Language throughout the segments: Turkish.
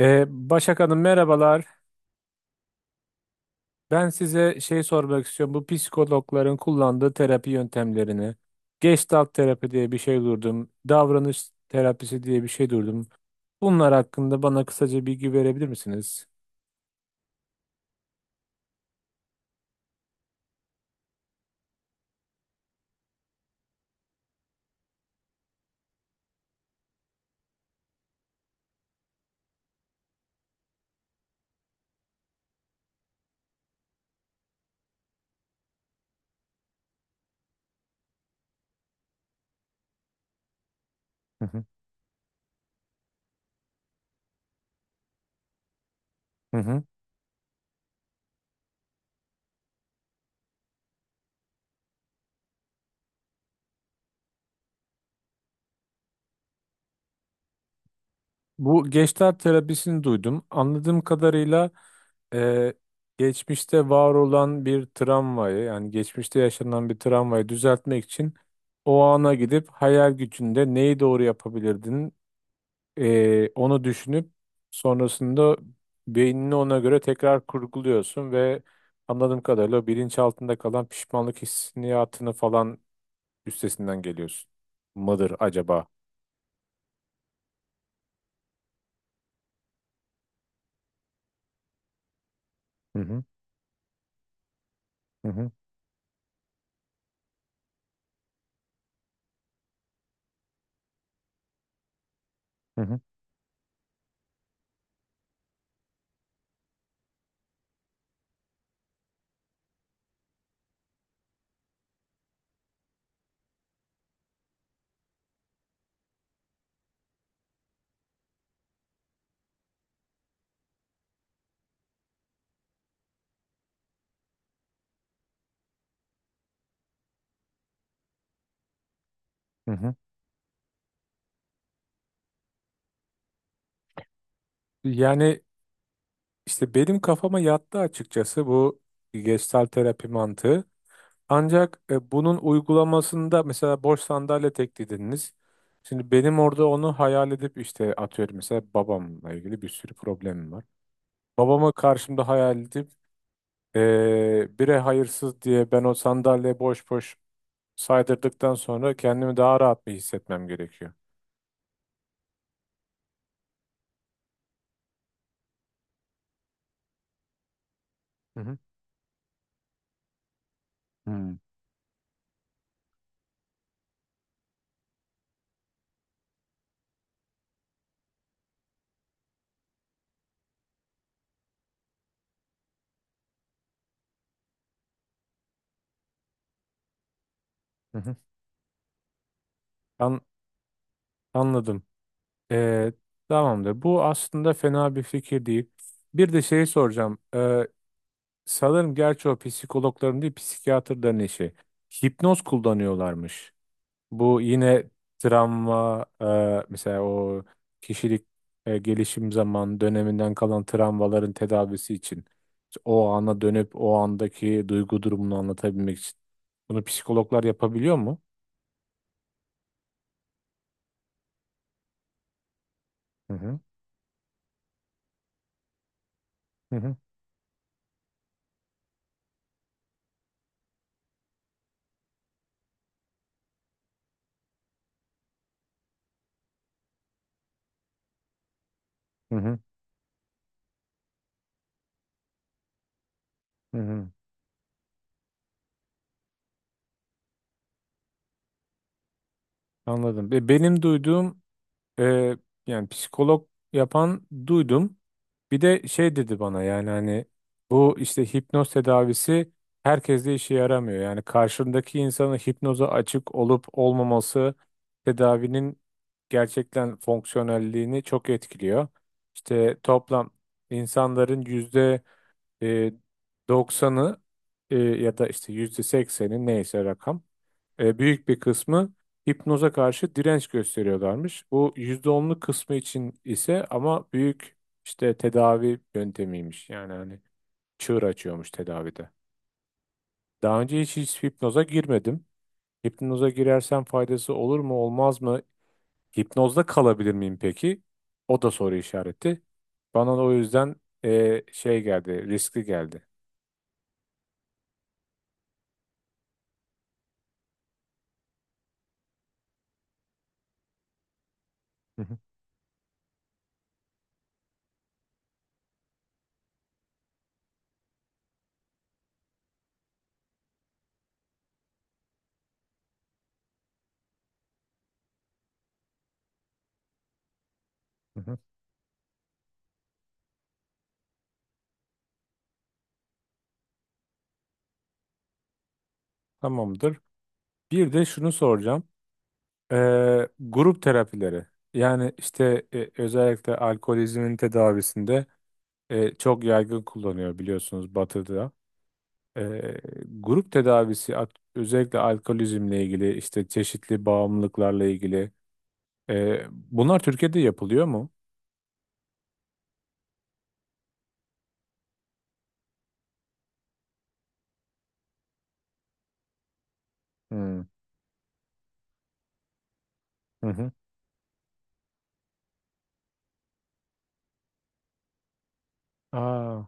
Ee, Başak Hanım, merhabalar. Ben size şey sormak istiyorum. Bu psikologların kullandığı terapi yöntemlerini. Gestalt terapi diye bir şey duydum. Davranış terapisi diye bir şey duydum. Bunlar hakkında bana kısaca bilgi verebilir misiniz? Hı hı. Hı hı. Bu Gestalt terapisini duydum. Anladığım kadarıyla e, geçmişte var olan bir travmayı, yani geçmişte yaşanan bir travmayı düzeltmek için o ana gidip hayal gücünde neyi doğru yapabilirdin? Onu düşünüp sonrasında beynini ona göre tekrar kurguluyorsun ve anladığım kadarıyla o bilinç altında kalan pişmanlık hissiyatını falan üstesinden geliyorsun. Mıdır acaba? Hı hı hı hı hı hı. Hı hı. Yani işte benim kafama yattı açıkçası bu gestalt terapi mantığı. Ancak bunun uygulamasında mesela boş sandalye teklidiniz. Şimdi benim orada onu hayal edip işte atıyorum mesela babamla ilgili bir sürü problemim var. Babama karşımda hayal edip bire hayırsız diye ben o sandalye boş boş saydırdıktan sonra kendimi daha rahat bir hissetmem gerekiyor. Hı hı. Hmm. Hı hı. An anladım. Ee, tamamdır. Bu aslında fena bir fikir değil. Bir de şeyi soracağım. Sanırım gerçi o psikologların değil psikiyatrların işi. Hipnoz kullanıyorlarmış. Bu yine travma mesela o kişilik gelişim zaman döneminden kalan travmaların tedavisi için İşte o ana dönüp o andaki duygu durumunu anlatabilmek için. Bunu psikologlar yapabiliyor mu? Hı hı. Hı hı. Hı hı. Hı hı. Anladım. Ve benim duyduğum, e, yani psikolog yapan duydum. Bir de şey dedi bana, yani hani bu işte hipnoz tedavisi herkeste işe yaramıyor. Yani karşındaki insanın hipnoza açık olup olmaması tedavinin gerçekten fonksiyonelliğini çok etkiliyor. İşte toplam insanların e, 90'ı ya da işte %80'i neyse rakam, büyük bir kısmı hipnoza karşı direnç gösteriyorlarmış. Bu %10'luk kısmı için ise ama büyük işte tedavi yöntemiymiş. Yani hani çığır açıyormuş tedavide. Daha önce hiç, hiç hipnoza girmedim. Hipnoza girersem faydası olur mu olmaz mı? Hipnozda kalabilir miyim peki? O da soru işareti. Bana da o yüzden şey geldi, riskli geldi. Hı hı. Hı hı. Tamamdır. Bir de şunu soracağım. Grup terapileri. Yani işte özellikle alkolizmin tedavisinde çok yaygın kullanıyor biliyorsunuz Batı'da. Ee, grup tedavisi özellikle alkolizmle ilgili işte çeşitli bağımlılıklarla ilgili. Bunlar Türkiye'de yapılıyor mu? Hmm. Hı hı. Aa,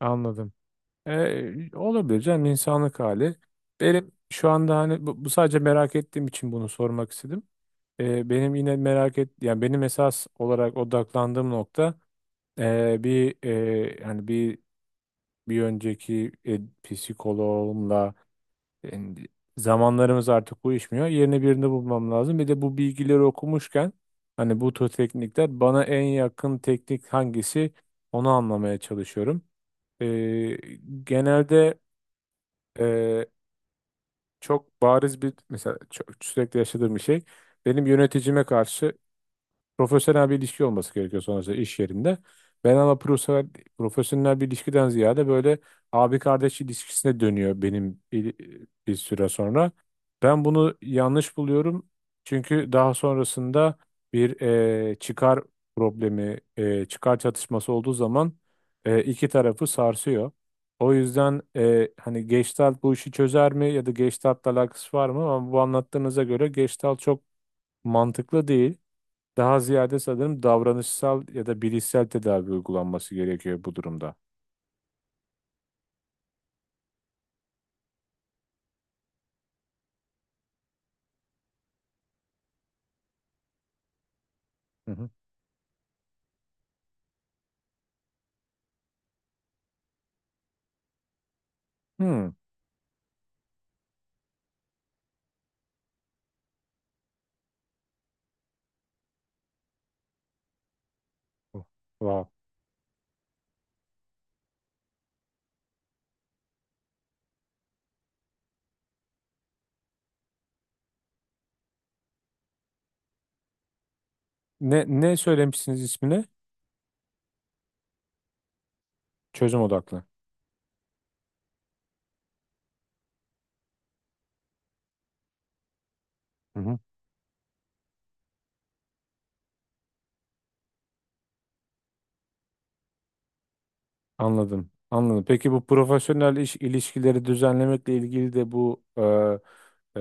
anladım. E, olabilir canım, insanlık hali. Benim şu anda hani bu sadece merak ettiğim için bunu sormak istedim. E, benim yine merak et, yani benim esas olarak odaklandığım nokta yani bir önceki psikoloğumla e, zamanlarımız artık uyuşmuyor. Yerine birini bulmam lazım. Bir de bu bilgileri okumuşken hani bu tür teknikler bana en yakın teknik hangisi, onu anlamaya çalışıyorum. E, genelde e, çok bariz bir, mesela sürekli yaşadığım bir şey. Benim yöneticime karşı profesyonel bir ilişki olması gerekiyor sonrasında iş yerinde. Ben ama profesyonel bir ilişkiden ziyade böyle abi kardeş ilişkisine dönüyor benim bir süre sonra. Ben bunu yanlış buluyorum. Çünkü daha sonrasında bir çıkar problemi, çıkar çatışması olduğu zaman iki tarafı sarsıyor. O yüzden hani Gestalt bu işi çözer mi ya da Gestalt'la alakası var mı? Ama bu anlattığınıza göre Gestalt çok mantıklı değil. Daha ziyade sanırım davranışsal ya da bilişsel tedavi uygulanması gerekiyor bu durumda. Hı hı. Hmm. Oh. Wow. Ne, ne söylemişsiniz ismine? Çözüm odaklı. Hı hı. Anladım. Anladım. Peki bu profesyonel iş ilişkileri düzenlemekle ilgili de bu e,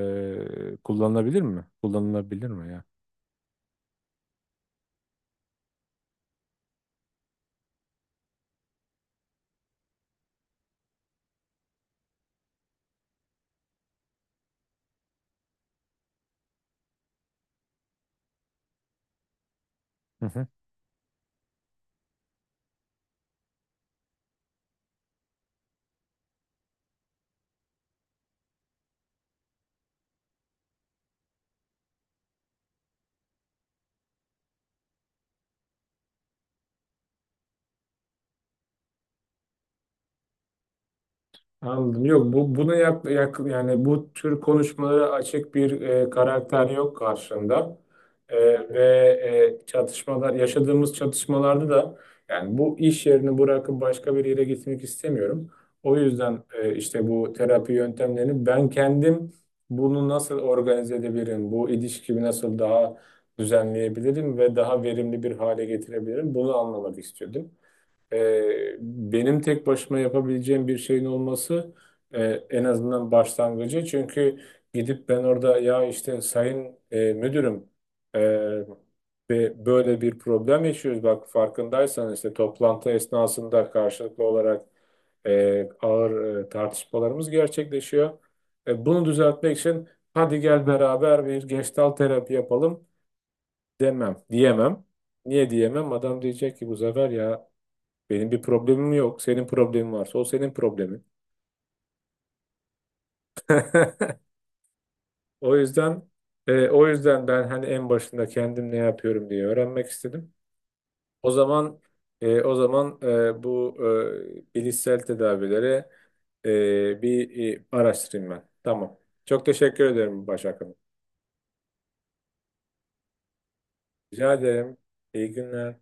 e, kullanılabilir mi? Kullanılabilir mi ya? Anladım. Yok bu bunu yani bu tür konuşmalara açık bir karakter yok karşında. E, ve çatışmalar yaşadığımız çatışmalarda da yani bu iş yerini bırakıp başka bir yere gitmek istemiyorum. O yüzden işte bu terapi yöntemlerini ben kendim, bunu nasıl organize edebilirim? Bu ilişkimi nasıl daha düzenleyebilirim ve daha verimli bir hale getirebilirim? Bunu anlamak istiyordum. Benim tek başıma yapabileceğim bir şeyin olması e, en azından başlangıcı. Çünkü gidip ben orada ya işte sayın müdürüm, e, ve böyle bir problem yaşıyoruz. Bak farkındaysan işte toplantı esnasında karşılıklı olarak ağır tartışmalarımız gerçekleşiyor. Bunu düzeltmek için hadi gel beraber bir gestalt terapi yapalım diyemem. Niye diyemem? Adam diyecek ki bu sefer, ya benim bir problemim yok. Senin problemin varsa o senin problemin. O yüzden ben hani en başında kendim ne yapıyorum diye öğrenmek istedim. O zaman e, o zaman e, bu bilişsel tedavileri araştırayım ben. Tamam. Çok teşekkür ederim, Başak Hanım. Rica ederim. İyi günler.